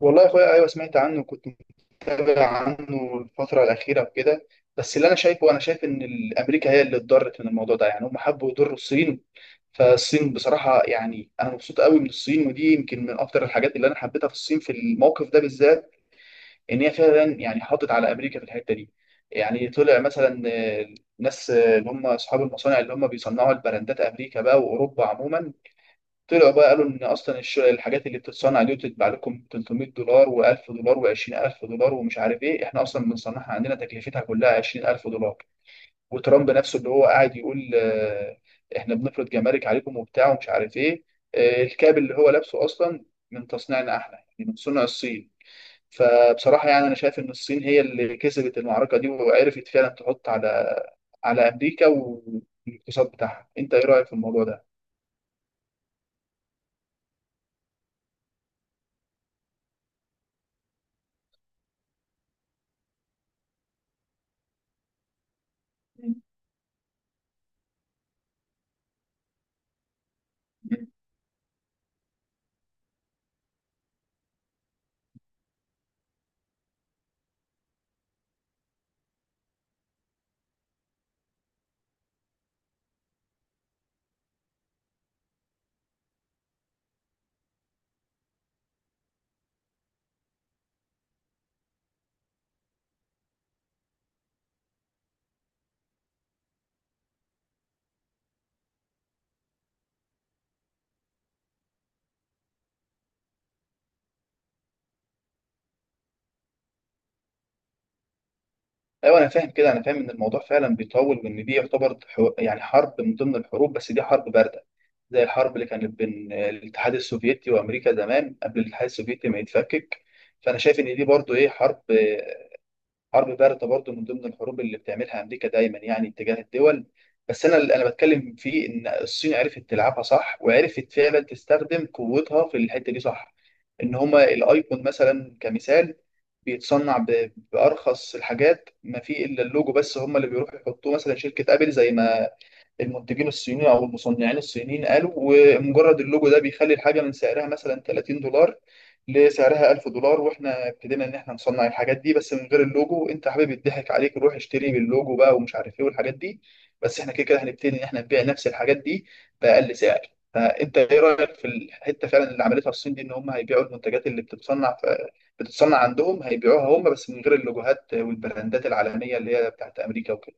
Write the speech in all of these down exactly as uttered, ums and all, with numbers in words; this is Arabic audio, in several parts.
والله يا اخويا، ايوه سمعت عنه وكنت متابع عنه الفتره الاخيره وكده. بس اللي انا شايفه انا شايف ان ال- امريكا هي اللي اتضرت من الموضوع ده، يعني هم حبوا يضروا الصين. فالصين بصراحه يعني انا مبسوط قوي من الصين، ودي يمكن من اكتر الحاجات اللي انا حبيتها في الصين في الموقف ده بالذات، ان هي فعلا يعني حاطت على امريكا في الحته دي. يعني طلع مثلا آه، الناس، آه، اللي هم اصحاب المصانع اللي هم بيصنعوا البراندات امريكا بقى واوروبا عموما، طلعوا بقى قالوا ان اصلا الش- الحاجات اللي بتتصنع دي وتتباع لكم تلتمية دولار و1000 دولار و20000 دولار ومش عارف ايه، احنا اصلا بنصنعها عندنا تكلفتها كلها عشرين ألف دولار. وترامب نفسه اللي هو قاعد يقول آه، احنا بنفرض جمارك عليكم وبتاع ومش عارف ايه، آه، الكاب اللي هو لابسه اصلا من تصنيعنا احنا، يعني من صنع الصين. فبصراحة يعني انا شايف ان الصين هي اللي كسبت المعركة دي وعرفت فعلا تحط على على امريكا والاقتصاد بتاعها. انت ايه رأيك في الموضوع ده؟ ايوه انا فاهم كده، انا فاهم ان الموضوع فعلا بيطول، وان دي يعتبر حو- يعني حرب من ضمن الحروب، بس دي حرب بارده، زي الحرب اللي كانت بين الاتحاد السوفيتي وامريكا زمان قبل الاتحاد السوفيتي ما يتفكك. فانا شايف ان دي برضو ايه حرب حرب باردة برضو، من ضمن الحروب اللي بتعملها أمريكا دايما يعني تجاه الدول. بس أنا اللي أنا بتكلم فيه، إن الصين عرفت تلعبها صح، وعرفت فعلا تستخدم قوتها في الحتة دي صح. إن هما الأيقون مثلا كمثال بيتصنع ب- بأرخص الحاجات، ما فيه إلا اللوجو بس هما اللي بيروحوا يحطوه. مثلا شركة أبل، زي ما المنتجين الصينيين او المصنعين الصينيين قالوا، ومجرد اللوجو ده بيخلي الحاجه من سعرها مثلا ثلاثين دولار لسعرها ألف دولار. واحنا ابتدينا ان احنا نصنع الحاجات دي بس من غير اللوجو. انت يا حبيبي يضحك عليك، روح اشتري باللوجو بقى ومش عارف ايه والحاجات دي، بس احنا كده كده هنبتدي ان احنا نبيع نفس الحاجات دي باقل سعر. فانت ايه رايك في الحته فعلا اللي عملتها الصين دي، ان هم هيبيعوا المنتجات اللي بتتصنع في بتتصنع عندهم، هيبيعوها هم بس من غير اللوجوهات والبراندات العالميه اللي هي بتاعت امريكا وكده.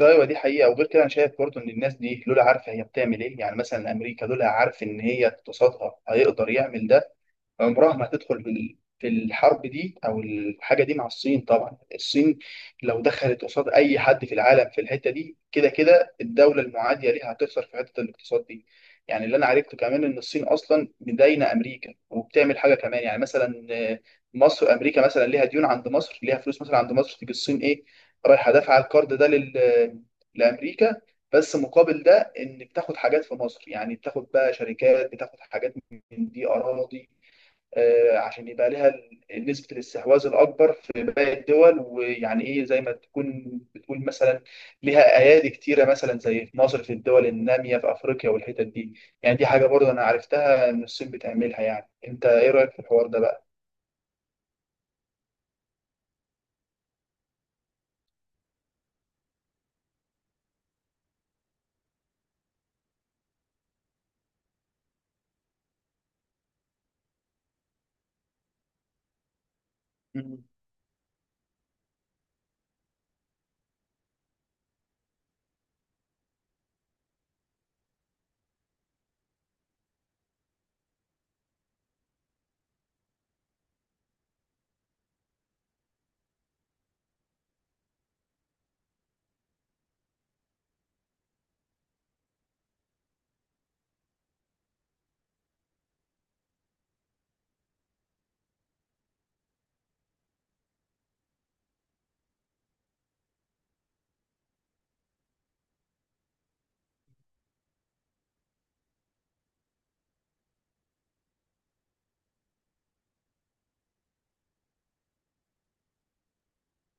ايوه دي حقيقه. وغير كده انا شايف برضه ان الناس دي لولا عارفه هي بتعمل ايه. يعني مثلا امريكا لولا عارف ان هي اقتصادها هيقدر يعمل ده عمرها ما هتدخل في ال- في الحرب دي او الحاجه دي مع الصين. طبعا الصين لو دخلت قصاد اي حد في العالم في الحته دي كده كده الدوله المعاديه ليها هتخسر في حته الاقتصاد دي. يعني اللي انا عرفته كمان، ان الصين اصلا مداينه امريكا وبتعمل حاجه كمان، يعني مثلا، آه، مصر، امريكا مثلا ليها ديون عند مصر، ليها فلوس مثلا عند مصر، تيجي الصين ايه، رايحه دافعه القرض ده لل- لامريكا، بس مقابل ده ان بتاخد حاجات في مصر. يعني بتاخد بقى شركات، بتاخد حاجات من دي، اراضي، آه، عشان يبقى لها نسبة الاستحواذ الأكبر في باقي الدول. ويعني إيه، زي ما تكون بتقول، مثلا لها أيادي كتيرة، مثلا زي في مصر، في الدول النامية، في أفريقيا، والحتت دي. يعني دي حاجة برضه أنا عرفتها إن الصين بتعملها. يعني أنت إيه رأيك في الحوار ده بقى؟ مم.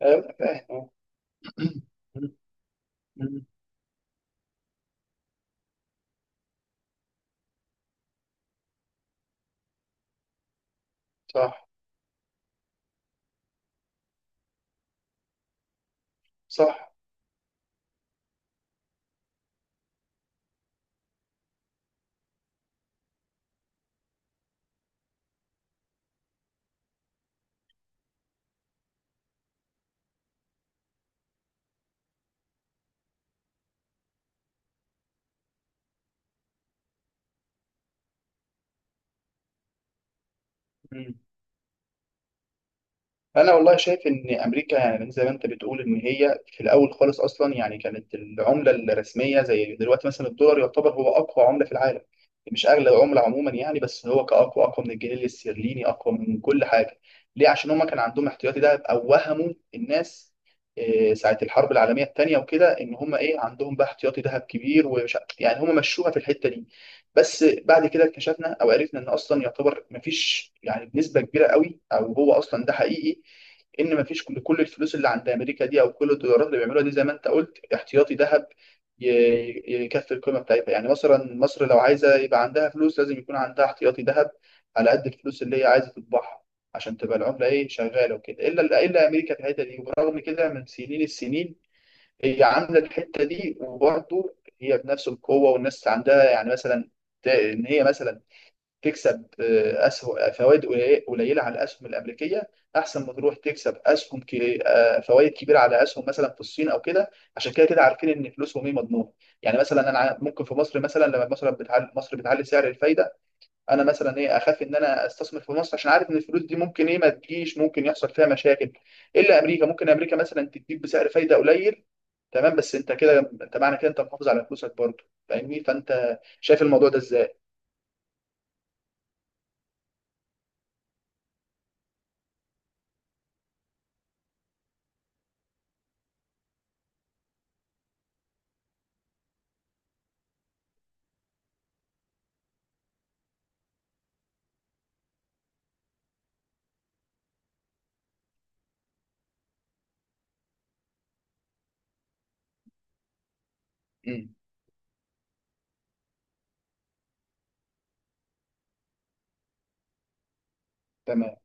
أيوه فاهم أه. مم. مم. صح. صح. انا والله شايف ان امريكا، يعني زي ما انت بتقول، ان هي في الاول خالص اصلا يعني كانت العمله الرسميه زي دلوقتي، مثلا الدولار يعتبر هو اقوى عمله في العالم، مش اغلى عمله عموما يعني، بس هو كاقوى اقوى من الجنيه الاسترليني، اقوى من كل حاجه. ليه؟ عشان هما كان عندهم احتياطي دهب، او وهموا الناس آه، ساعه الحرب العالميه الثانيه وكده، ان هما ايه، عندهم بقى احتياطي دهب كبير. ومش ع- يعني هما مشوها في الحته دي. بس بعد كده اكتشفنا او عرفنا ان اصلا يعتبر مفيش، يعني بنسبه كبيره قوي، او هو اصلا ده حقيقي، ان مفيش كل كل الفلوس اللي عند امريكا دي، او كل الدولارات اللي بيعملوها دي، زي ما انت قلت، احتياطي ذهب ي- يكفي القيمه بتاعتها. يعني مثلا مصر لو عايزه يبقى عندها فلوس لازم يكون عندها احتياطي ذهب على قد الفلوس اللي هي عايزه تطبعها عشان تبقى العمله ايه شغاله وكده، الا الا امريكا في الحته دي. وبرغم كده من سنين السنين هي عامله الحته دي، وبرضه هي بنفس القوه. والناس عندها يعني مثلا ت- ان هي مثلا تكسب آه، اسهم، آه، فوائد قليل- قليله على الاسهم الامريكيه، احسن ما تروح تكسب اسهم ك- آه، فوائد كبيره على اسهم مثلا في الصين او كده، عشان كده كده عارفين ان فلوسهم ايه مضمونه. يعني مثلا انا ع- ممكن في مصر مثلا، لما مثلا بتعلي مصر، بتعلي سعر الفايده، انا مثلا ايه، اخاف ان انا استثمر في مصر عشان عارف ان الفلوس دي ممكن ايه ما تجيش، ممكن يحصل فيها مشاكل. الا امريكا، ممكن امريكا مثلا تديك بسعر فايده قليل تمام، بس انت كده، انت معنى كده انت محافظ على فلوسك برضه، فاهمني؟ فانت شايف الموضوع ده ازاي؟ امم تمام،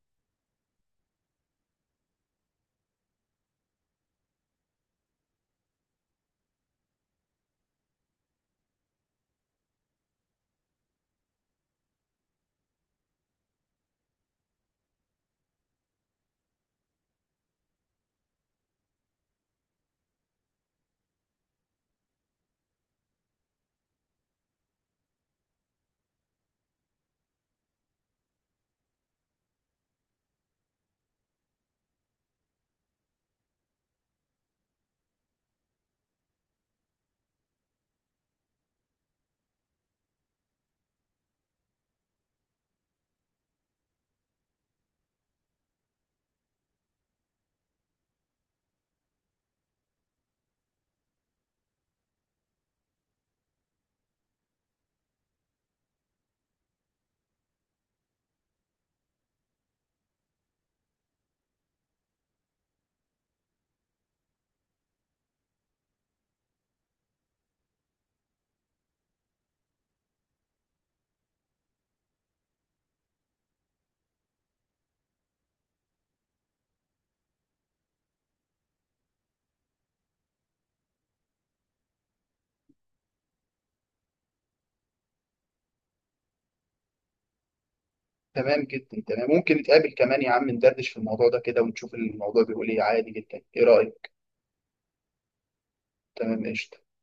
تمام جدا، تمام. ممكن نتقابل كمان يا عم ندردش في الموضوع ده كده ونشوف الموضوع بيقول ايه، عادي جدا. ايه رأيك؟ تمام قشطة.